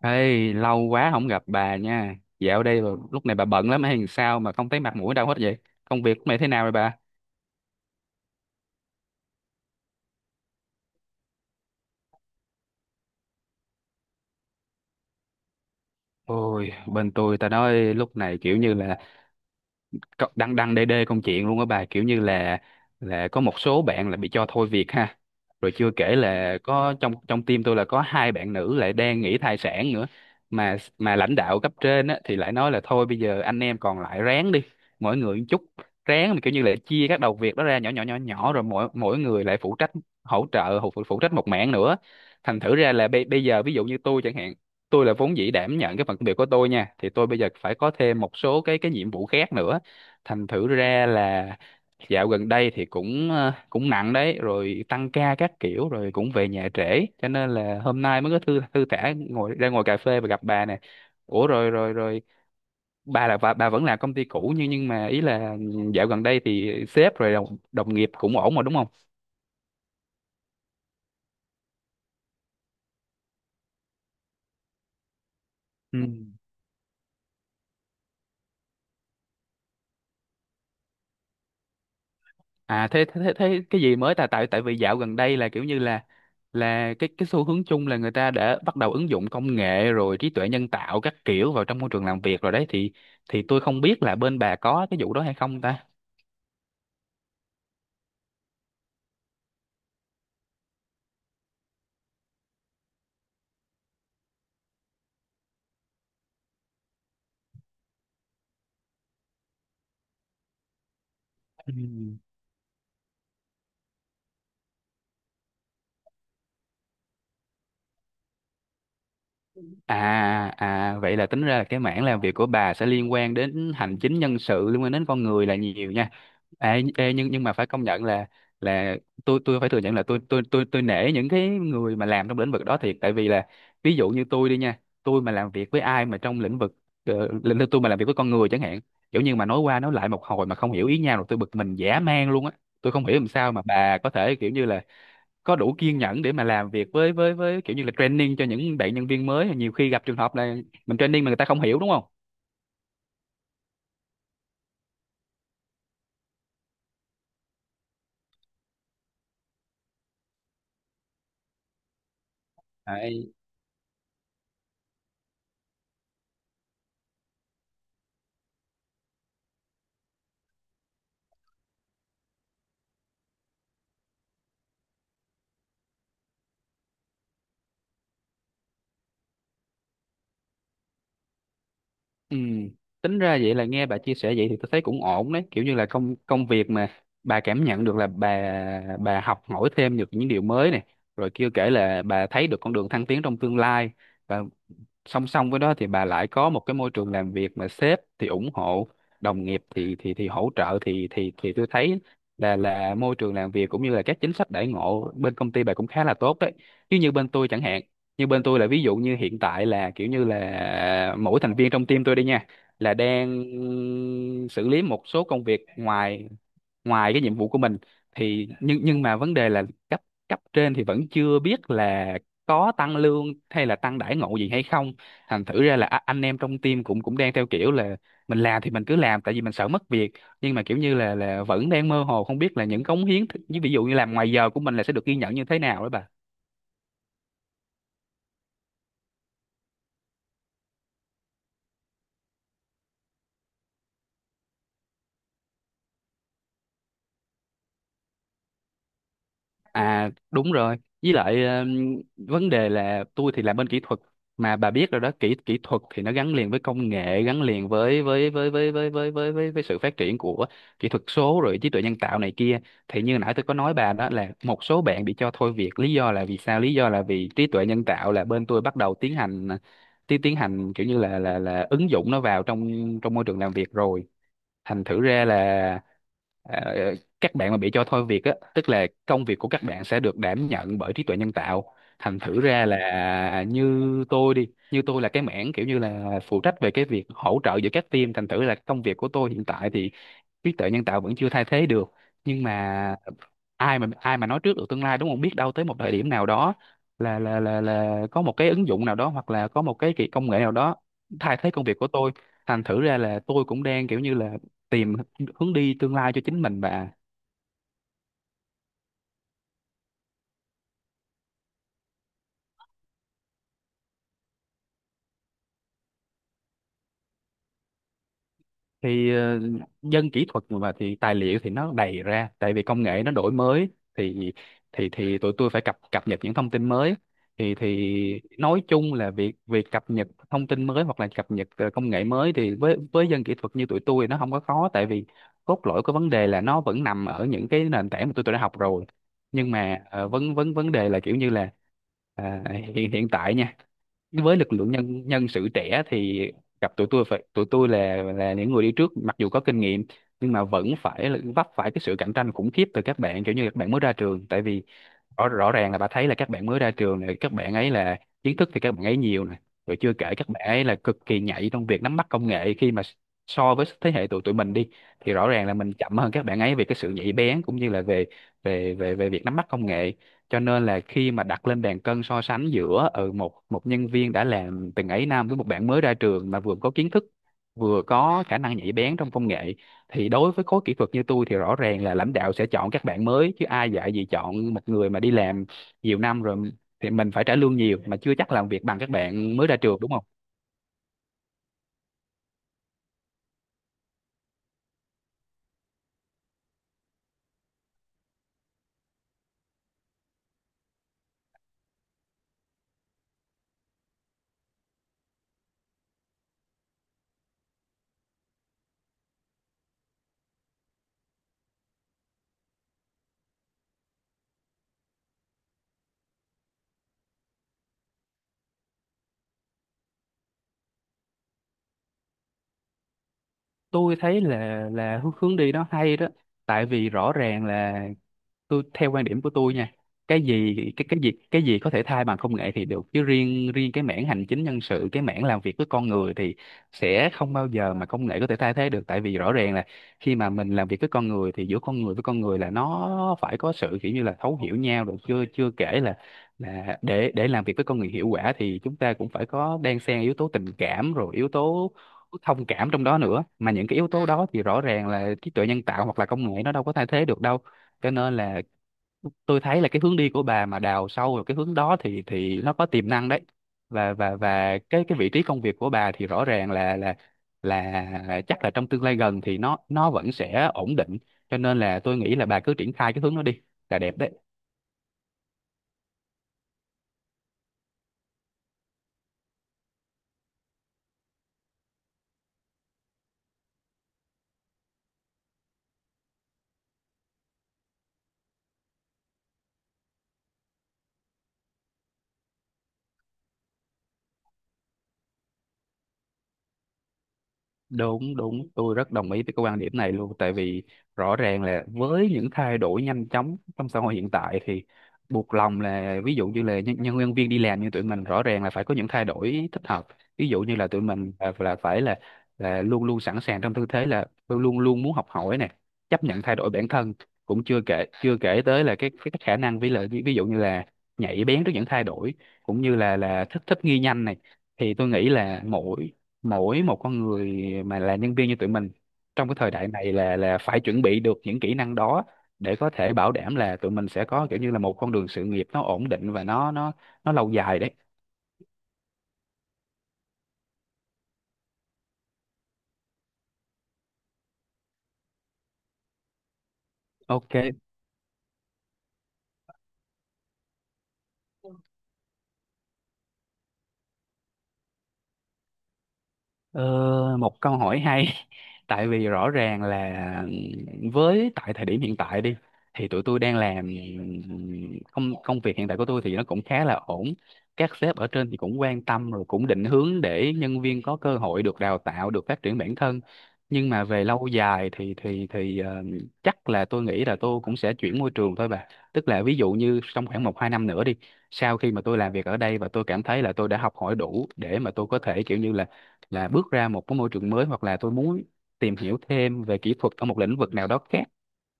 Ê, lâu quá không gặp bà nha. Lúc này bà bận lắm hay làm sao mà không thấy mặt mũi đâu hết vậy? Công việc của mày thế nào rồi bà? Ôi, bên tôi ta nói lúc này kiểu như là đăng đăng đê đê công chuyện luôn á bà, kiểu như là có một số bạn là bị cho thôi việc ha, rồi chưa kể là có trong trong team tôi là có hai bạn nữ lại đang nghỉ thai sản nữa. Mà lãnh đạo cấp trên á thì lại nói là thôi bây giờ anh em còn lại ráng đi, mỗi người một chút, ráng mà kiểu như là chia các đầu việc đó ra nhỏ nhỏ nhỏ nhỏ rồi mỗi mỗi người lại phụ trách hỗ trợ phụ phụ trách một mảng nữa. Thành thử ra là bây bây giờ ví dụ như tôi chẳng hạn, tôi là vốn dĩ đảm nhận cái phần công việc của tôi nha, thì tôi bây giờ phải có thêm một số cái nhiệm vụ khác nữa. Thành thử ra là dạo gần đây thì cũng cũng nặng đấy, rồi tăng ca các kiểu, rồi cũng về nhà trễ, cho nên là hôm nay mới có thư thư thả ngồi ra ngồi cà phê và gặp bà nè. Ủa rồi rồi rồi, bà vẫn làm công ty cũ, nhưng mà ý là dạo gần đây thì sếp rồi đồng nghiệp cũng ổn mà đúng không? Ừ. À thế, thế cái gì mới? Tại tại tại vì dạo gần đây là kiểu như là cái xu hướng chung là người ta đã bắt đầu ứng dụng công nghệ rồi trí tuệ nhân tạo các kiểu vào trong môi trường làm việc rồi đấy, thì tôi không biết là bên bà có cái vụ đó hay không ta. Ừ. À à vậy là tính ra là cái mảng làm việc của bà sẽ liên quan đến hành chính nhân sự, liên quan đến con người là nhiều nha. Ê, ê, nhưng mà phải công nhận là tôi phải thừa nhận là tôi nể những cái người mà làm trong lĩnh vực đó thiệt, tại vì là ví dụ như tôi đi nha, tôi mà làm việc với ai mà trong lĩnh vực lĩnh vực tôi mà làm việc với con người chẳng hạn, kiểu như mà nói qua nói lại một hồi mà không hiểu ý nhau rồi tôi bực mình dã man luôn á. Tôi không hiểu làm sao mà bà có thể kiểu như là có đủ kiên nhẫn để mà làm việc với kiểu như là training cho những bạn nhân viên mới, nhiều khi gặp trường hợp là mình training mà người ta không hiểu đúng không. Đấy. Ừ. Tính ra vậy là nghe bà chia sẻ vậy thì tôi thấy cũng ổn đấy, kiểu như là công công việc mà bà cảm nhận được là bà học hỏi thêm được những điều mới này, rồi kêu kể là bà thấy được con đường thăng tiến trong tương lai, và song song với đó thì bà lại có một cái môi trường làm việc mà sếp thì ủng hộ, đồng nghiệp thì hỗ trợ, thì tôi thấy là môi trường làm việc cũng như là các chính sách đãi ngộ bên công ty bà cũng khá là tốt đấy, chứ như bên tôi chẳng hạn, như bên tôi là ví dụ như hiện tại là kiểu như là mỗi thành viên trong team tôi đi nha là đang xử lý một số công việc ngoài ngoài cái nhiệm vụ của mình, thì nhưng mà vấn đề là cấp cấp trên thì vẫn chưa biết là có tăng lương hay là tăng đãi ngộ gì hay không. Thành thử ra là anh em trong team cũng cũng đang theo kiểu là mình làm thì mình cứ làm tại vì mình sợ mất việc, nhưng mà kiểu như là vẫn đang mơ hồ không biết là những cống hiến ví dụ như làm ngoài giờ của mình là sẽ được ghi nhận như thế nào đó bà. À đúng rồi. Với lại vấn đề là tôi thì làm bên kỹ thuật, mà bà biết rồi đó, kỹ kỹ thuật thì nó gắn liền với công nghệ, gắn liền với sự phát triển của kỹ thuật số rồi trí tuệ nhân tạo này kia. Thì như nãy tôi có nói bà đó là một số bạn bị cho thôi việc lý do là vì sao? Lý do là vì trí tuệ nhân tạo là bên tôi bắt đầu tiến hành tiến tiến hành kiểu như là là ứng dụng nó vào trong trong môi trường làm việc rồi. Thành thử ra là ờ, các bạn mà bị cho thôi việc á tức là công việc của các bạn sẽ được đảm nhận bởi trí tuệ nhân tạo, thành thử ra là như tôi đi, như tôi là cái mảng kiểu như là phụ trách về cái việc hỗ trợ giữa các team, thành thử là công việc của tôi hiện tại thì trí tuệ nhân tạo vẫn chưa thay thế được, nhưng mà ai mà nói trước được tương lai đúng không, biết đâu tới một thời điểm nào đó là có một cái ứng dụng nào đó hoặc là có một cái kỳ công nghệ nào đó thay thế công việc của tôi. Thành thử ra là tôi cũng đang kiểu như là tìm hướng đi tương lai cho chính mình bà. Thì dân kỹ thuật mà thì tài liệu thì nó đầy ra tại vì công nghệ nó đổi mới, thì tụi tôi phải cập cập nhật những thông tin mới, thì nói chung là việc việc cập nhật thông tin mới hoặc là cập nhật công nghệ mới thì với dân kỹ thuật như tụi tôi nó không có khó, tại vì cốt lõi của vấn đề là nó vẫn nằm ở những cái nền tảng mà tụi tôi đã học rồi, nhưng mà vấn vấn vấn đề là kiểu như là à, hiện hiện tại nha, với lực lượng nhân nhân sự trẻ thì gặp tụi tôi phải tụi tôi là những người đi trước mặc dù có kinh nghiệm, nhưng mà vẫn phải là vấp phải cái sự cạnh tranh khủng khiếp từ các bạn kiểu như các bạn mới ra trường, tại vì rõ rõ ràng là bà thấy là các bạn mới ra trường này, các bạn ấy là kiến thức thì các bạn ấy nhiều này, rồi chưa kể các bạn ấy là cực kỳ nhạy trong việc nắm bắt công nghệ khi mà so với thế hệ tụi tụi mình đi thì rõ ràng là mình chậm hơn các bạn ấy về cái sự nhạy bén cũng như là về về việc nắm bắt công nghệ. Cho nên là khi mà đặt lên bàn cân so sánh giữa một một nhân viên đã làm từng ấy năm với một bạn mới ra trường mà vừa có kiến thức vừa có khả năng nhạy bén trong công nghệ, thì đối với khối kỹ thuật như tôi thì rõ ràng là lãnh đạo sẽ chọn các bạn mới, chứ ai dạy gì chọn một người mà đi làm nhiều năm rồi thì mình phải trả lương nhiều mà chưa chắc làm việc bằng các bạn mới ra trường đúng không. Tôi thấy là hướng hướng đi đó hay đó, tại vì rõ ràng là tôi theo quan điểm của tôi nha, cái gì cái gì có thể thay bằng công nghệ thì được, chứ riêng riêng cái mảng hành chính nhân sự, cái mảng làm việc với con người thì sẽ không bao giờ mà công nghệ có thể thay thế được, tại vì rõ ràng là khi mà mình làm việc với con người thì giữa con người với con người là nó phải có sự kiểu như là thấu hiểu nhau, rồi chưa chưa kể là để làm việc với con người hiệu quả thì chúng ta cũng phải có đan xen yếu tố tình cảm rồi yếu tố thông cảm trong đó nữa, mà những cái yếu Ừ. tố đó thì rõ ràng là trí tuệ nhân tạo hoặc là công nghệ nó đâu có thay thế được đâu, cho nên là tôi thấy là cái hướng đi của bà mà đào sâu vào cái hướng đó thì nó có tiềm năng đấy. Và cái vị trí công việc của bà thì rõ ràng là chắc là trong tương lai gần thì nó vẫn sẽ ổn định, cho nên là tôi nghĩ là bà cứ triển khai cái hướng đó đi, là đẹp đấy. Đúng, đúng, tôi rất đồng ý với cái quan điểm này luôn, tại vì rõ ràng là với những thay đổi nhanh chóng trong xã hội hiện tại thì buộc lòng là ví dụ như là nhân, nhân nhân viên đi làm như tụi mình rõ ràng là phải có những thay đổi thích hợp. Ví dụ như là tụi mình là phải là luôn luôn sẵn sàng trong tư thế là luôn luôn muốn học hỏi nè, chấp nhận thay đổi bản thân, cũng chưa kể tới là cái khả năng, với lại ví ví dụ như là nhạy bén trước những thay đổi cũng như là thích thích nghi nhanh này, thì tôi nghĩ là mỗi mỗi một con người mà là nhân viên như tụi mình trong cái thời đại này là phải chuẩn bị được những kỹ năng đó để có thể bảo đảm là tụi mình sẽ có kiểu như là một con đường sự nghiệp nó ổn định và nó lâu dài đấy. Ok. Ờ, Một câu hỏi hay tại vì rõ ràng là với tại thời điểm hiện tại đi thì tụi tôi đang làm công công việc hiện tại của tôi thì nó cũng khá là ổn, các sếp ở trên thì cũng quan tâm rồi cũng định hướng để nhân viên có cơ hội được đào tạo, được phát triển bản thân. Nhưng mà về lâu dài thì chắc là tôi nghĩ là tôi cũng sẽ chuyển môi trường thôi bà, tức là ví dụ như trong khoảng một hai năm nữa đi, sau khi mà tôi làm việc ở đây và tôi cảm thấy là tôi đã học hỏi đủ để mà tôi có thể kiểu như là bước ra một cái môi trường mới, hoặc là tôi muốn tìm hiểu thêm về kỹ thuật ở một lĩnh vực nào đó khác,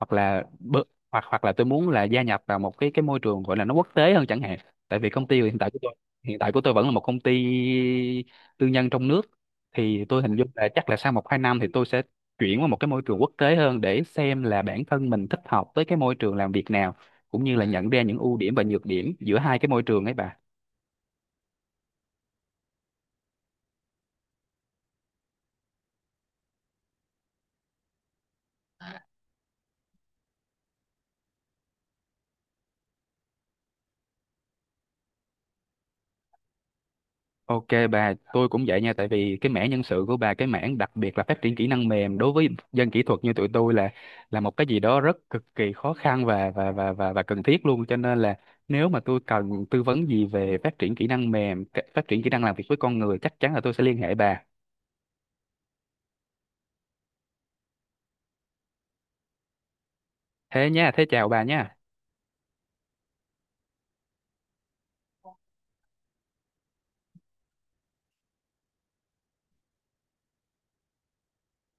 hoặc là hoặc hoặc là tôi muốn là gia nhập vào một cái môi trường gọi là nó quốc tế hơn chẳng hạn. Tại vì công ty hiện tại của tôi vẫn là một công ty tư nhân trong nước, thì tôi hình dung là chắc là sau một hai năm thì tôi sẽ chuyển qua một cái môi trường quốc tế hơn để xem là bản thân mình thích hợp với cái môi trường làm việc nào, cũng như là nhận ra những ưu điểm và nhược điểm giữa hai cái môi trường ấy bà. Ok bà, tôi cũng vậy nha, tại vì cái mảng nhân sự của bà, cái mảng đặc biệt là phát triển kỹ năng mềm đối với dân kỹ thuật như tụi tôi là một cái gì đó rất cực kỳ khó khăn và cần thiết luôn. Cho nên là nếu mà tôi cần tư vấn gì về phát triển kỹ năng mềm, phát triển kỹ năng làm việc với con người, chắc chắn là tôi sẽ liên hệ bà. Thế nha, thế chào bà nha.